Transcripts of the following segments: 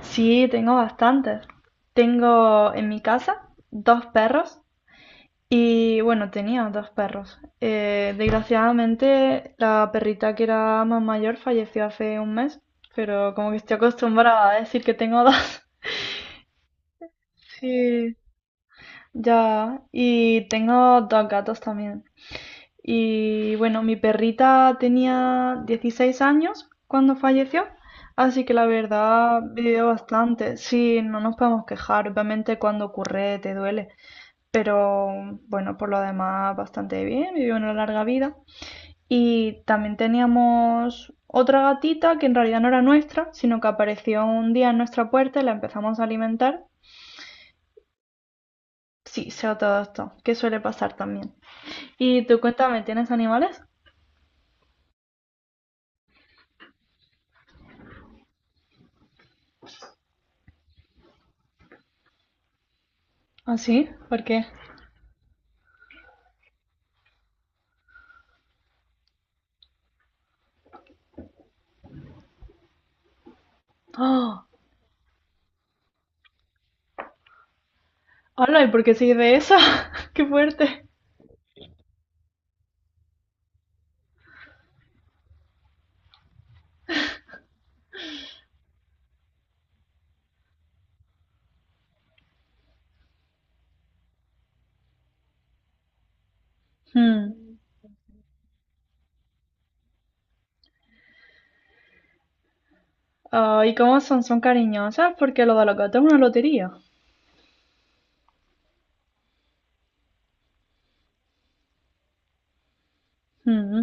Sí, tengo bastantes. Tengo en mi casa dos perros y bueno, tenía dos perros. Desgraciadamente la perrita que era más mayor falleció hace un mes, pero como que estoy acostumbrada a decir que tengo dos. Sí, ya. Y tengo dos gatos también. Y bueno, mi perrita tenía 16 años cuando falleció, así que la verdad vivió bastante. Sí, no nos podemos quejar, obviamente cuando ocurre te duele, pero bueno, por lo demás bastante bien, vivió una larga vida. Y también teníamos otra gatita que en realidad no era nuestra, sino que apareció un día en nuestra puerta y la empezamos a alimentar. Sí, sé todo esto, que suele pasar también. Y tú cuéntame, ¿tienes animales? ¿Ah, sí? ¿Por qué? ¡Oh! Hola, ¿y por qué soy de esa? ¡Qué fuerte! Hmm. Ah, ¿y cómo son? ¿Son cariñosas? Porque lo de los gatos es una lotería. Hmm,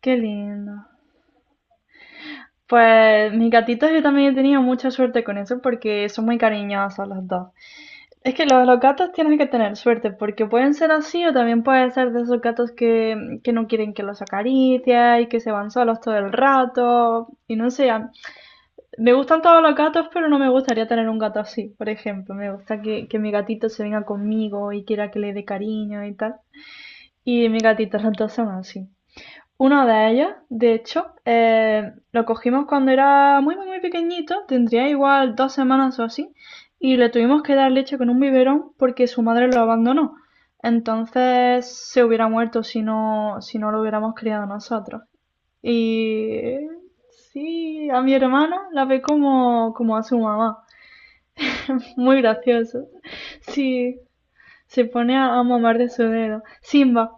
¡qué lindo! Pues mis gatitas yo también he tenido mucha suerte con eso porque son muy cariñosas las dos. Es que lo de los gatos tienes que tener suerte porque pueden ser así o también pueden ser de esos gatos que no quieren que los acaricies y que se van solos todo el rato. Y no sé, me gustan todos los gatos, pero no me gustaría tener un gato así, por ejemplo. Me gusta que mi gatito se venga conmigo y quiera que le dé cariño y tal. Y mis gatitos, las dos son así. Una de ellas, de hecho, lo cogimos cuando era muy, muy, muy pequeñito, tendría igual 2 semanas o así, y le tuvimos que dar leche con un biberón porque su madre lo abandonó. Entonces se hubiera muerto si no lo hubiéramos criado nosotros. Y sí, a mi hermana la ve como a su mamá. Muy gracioso. Sí, se pone a mamar de su dedo. Simba.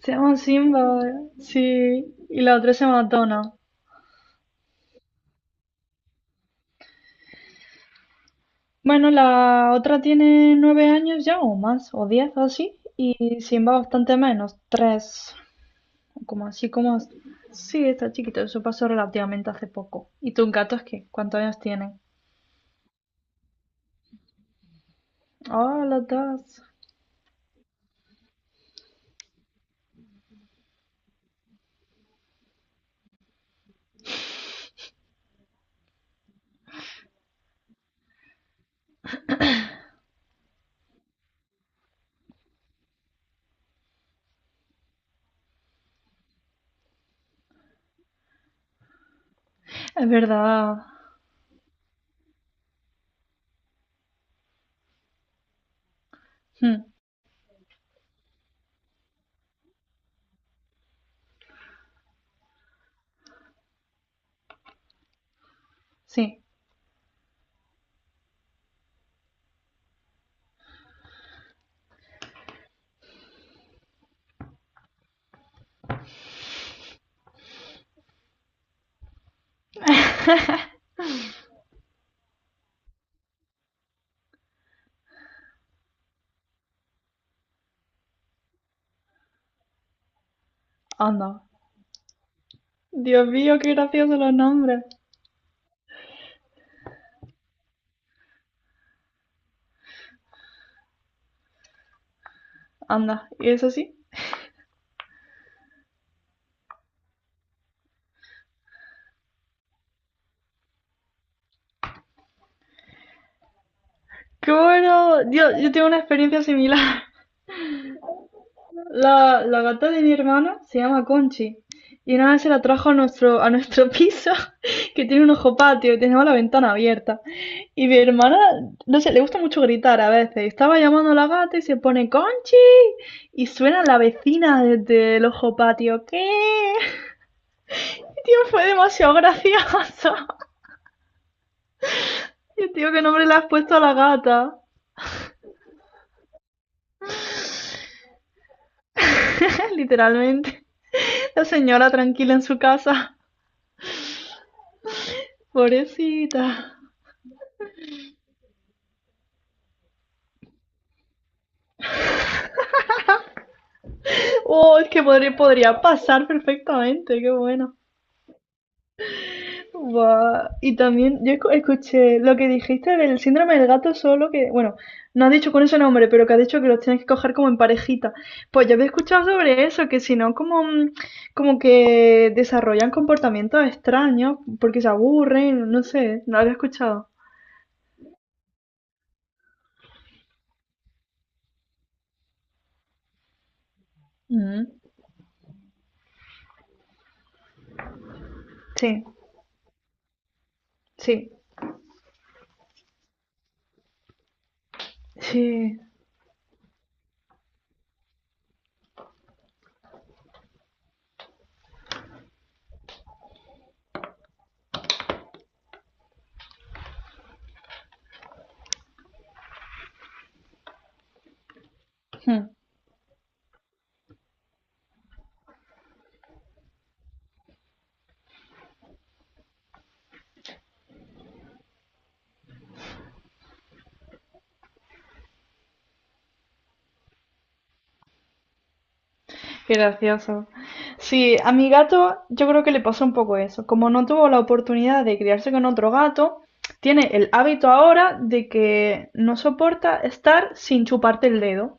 Se llama Simba, sí. Y la otra se llama Donna. Bueno, la otra tiene 9 años ya, o más, o 10, o así. Y Simba bastante menos, 3. Como así, como... Sí, está chiquito, eso pasó relativamente hace poco. ¿Y tus gatos qué? ¿Cuántos años tienen? Ah, las dos. Es verdad. Mm, sí, anda. Dios mío, qué graciosos los nombres. Anda, ¿y eso sí? ¡Qué bueno! Dios, yo tengo una experiencia similar. La gata de mi hermana se llama Conchi. Y una vez se la trajo a nuestro piso, que tiene un ojo patio y tenemos la ventana abierta. Y mi hermana, no sé, le gusta mucho gritar a veces. Estaba llamando a la gata y se pone Conchi. Y suena la vecina desde el ojo patio. ¿Qué? Tío, fue demasiado gracioso. Yo, tío, ¿qué nombre le has puesto a la gata? Literalmente. La señora tranquila en su casa. Pobrecita. Oh, es que podría pasar perfectamente, qué bueno. Buah, y también yo escuché lo que dijiste del síndrome del gato solo, que, bueno, no has dicho con ese nombre, pero que has dicho que los tienes que coger como en parejita. Pues yo había escuchado sobre eso, que si no, como que desarrollan comportamientos extraños porque se aburren, no sé, no lo había escuchado. Mm. Sí, sí, sí. Hmm, qué gracioso. Sí, a mi gato yo creo que le pasó un poco eso. Como no tuvo la oportunidad de criarse con otro gato, tiene el hábito ahora de que no soporta estar sin chuparte el dedo.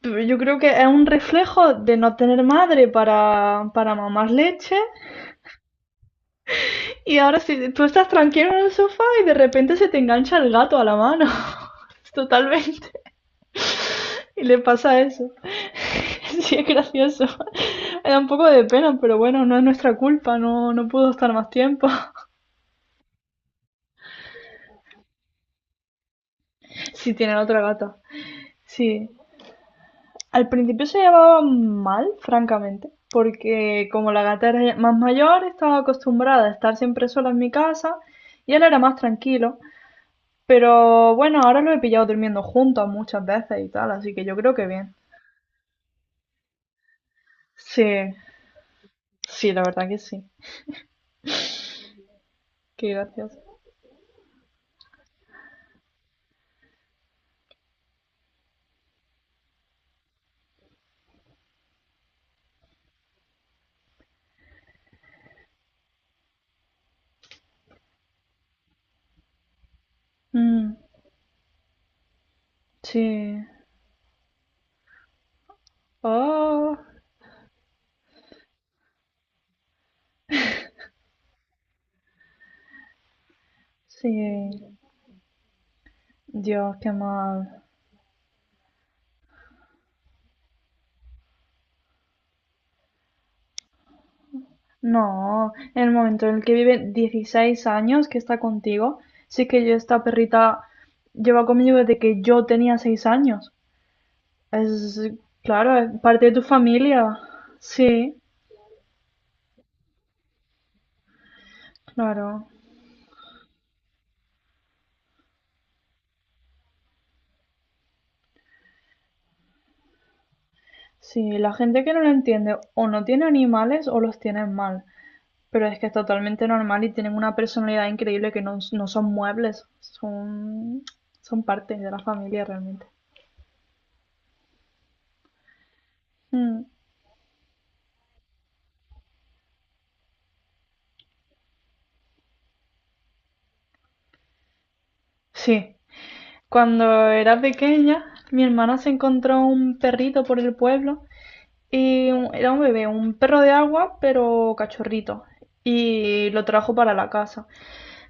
Pero yo creo que es un reflejo de no tener madre para mamar leche. Y ahora si tú estás tranquilo en el sofá y de repente se te engancha el gato a la mano. Totalmente. Y le pasa eso. Sí, es gracioso. Me da un poco de pena, pero bueno, no es nuestra culpa, no, no pudo estar más tiempo. Sí, tienen otra gata. Sí. Al principio se llevaban mal, francamente, porque como la gata era ya más mayor, estaba acostumbrada a estar siempre sola en mi casa y él era más tranquilo. Pero bueno, ahora lo he pillado durmiendo juntos muchas veces y tal, así que yo creo que bien. Sí, sí, la verdad que sí. Qué gracioso. Mm, sí. Oh, sí. Dios, qué mal. No, en el momento en el que vive 16 años que está contigo, sí que yo esta perrita lleva conmigo desde que yo tenía 6 años. Es, claro, es parte de tu familia. Sí, claro. Sí, la gente que no lo entiende o no tiene animales o los tiene mal. Pero es que es totalmente normal y tienen una personalidad increíble que no, no son muebles, son parte de la familia realmente. Mm, sí, cuando era pequeña, mi hermana se encontró un perrito por el pueblo y era un bebé, un perro de agua, pero cachorrito, y lo trajo para la casa.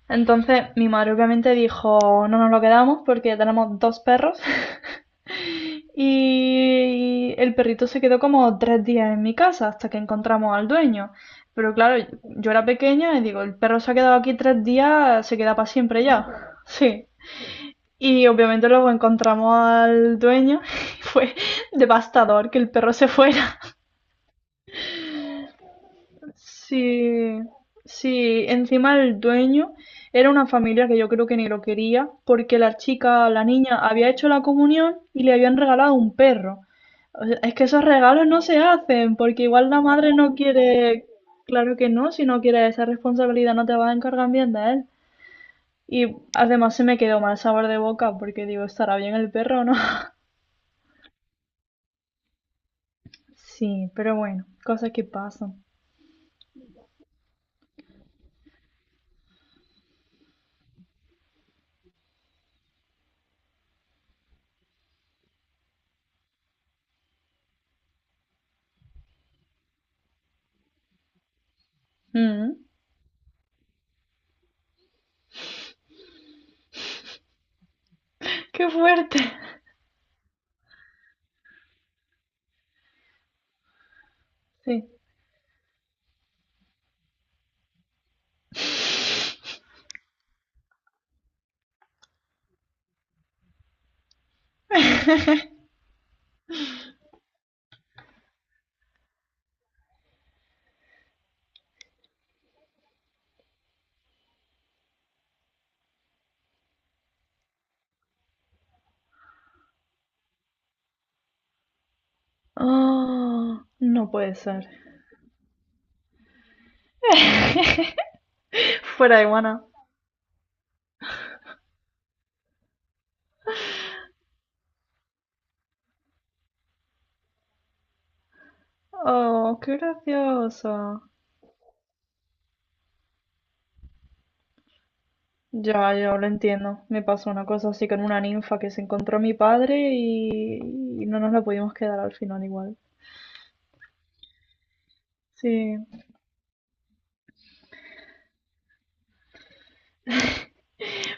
Entonces mi madre obviamente dijo, no nos lo quedamos porque tenemos dos perros. Y el perrito se quedó como 3 días en mi casa hasta que encontramos al dueño. Pero claro, yo era pequeña y digo, el perro se ha quedado aquí 3 días, se queda para siempre ya. Sí. Y obviamente luego encontramos al dueño y fue devastador que el perro se fuera. Sí, sí, encima el dueño era una familia que yo creo que ni lo quería porque la chica, la niña, había hecho la comunión y le habían regalado un perro. O sea, es que esos regalos no se hacen porque igual la madre no quiere, claro que no, si no quiere esa responsabilidad no te vas a encargar bien de él. Y además se me quedó mal sabor de boca porque digo, ¿estará bien el perro o no? Sí, pero bueno, cosas que pasan. Mm, ¡qué fuerte! Sí, oh, no puede ser. fuera de guana. Oh, qué gracioso. Ya, ya lo entiendo. Me pasó una cosa así con una ninfa que se encontró a mi padre y no nos la pudimos quedar al final igual. Sí,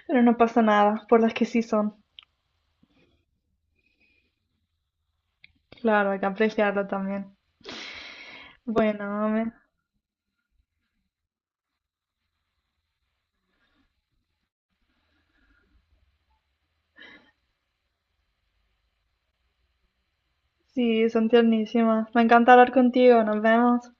pero no pasa nada, por las que sí son. Claro, hay que apreciarlo también. Bueno, sí, son tiernísimas. Me encanta hablar contigo, nos vemos.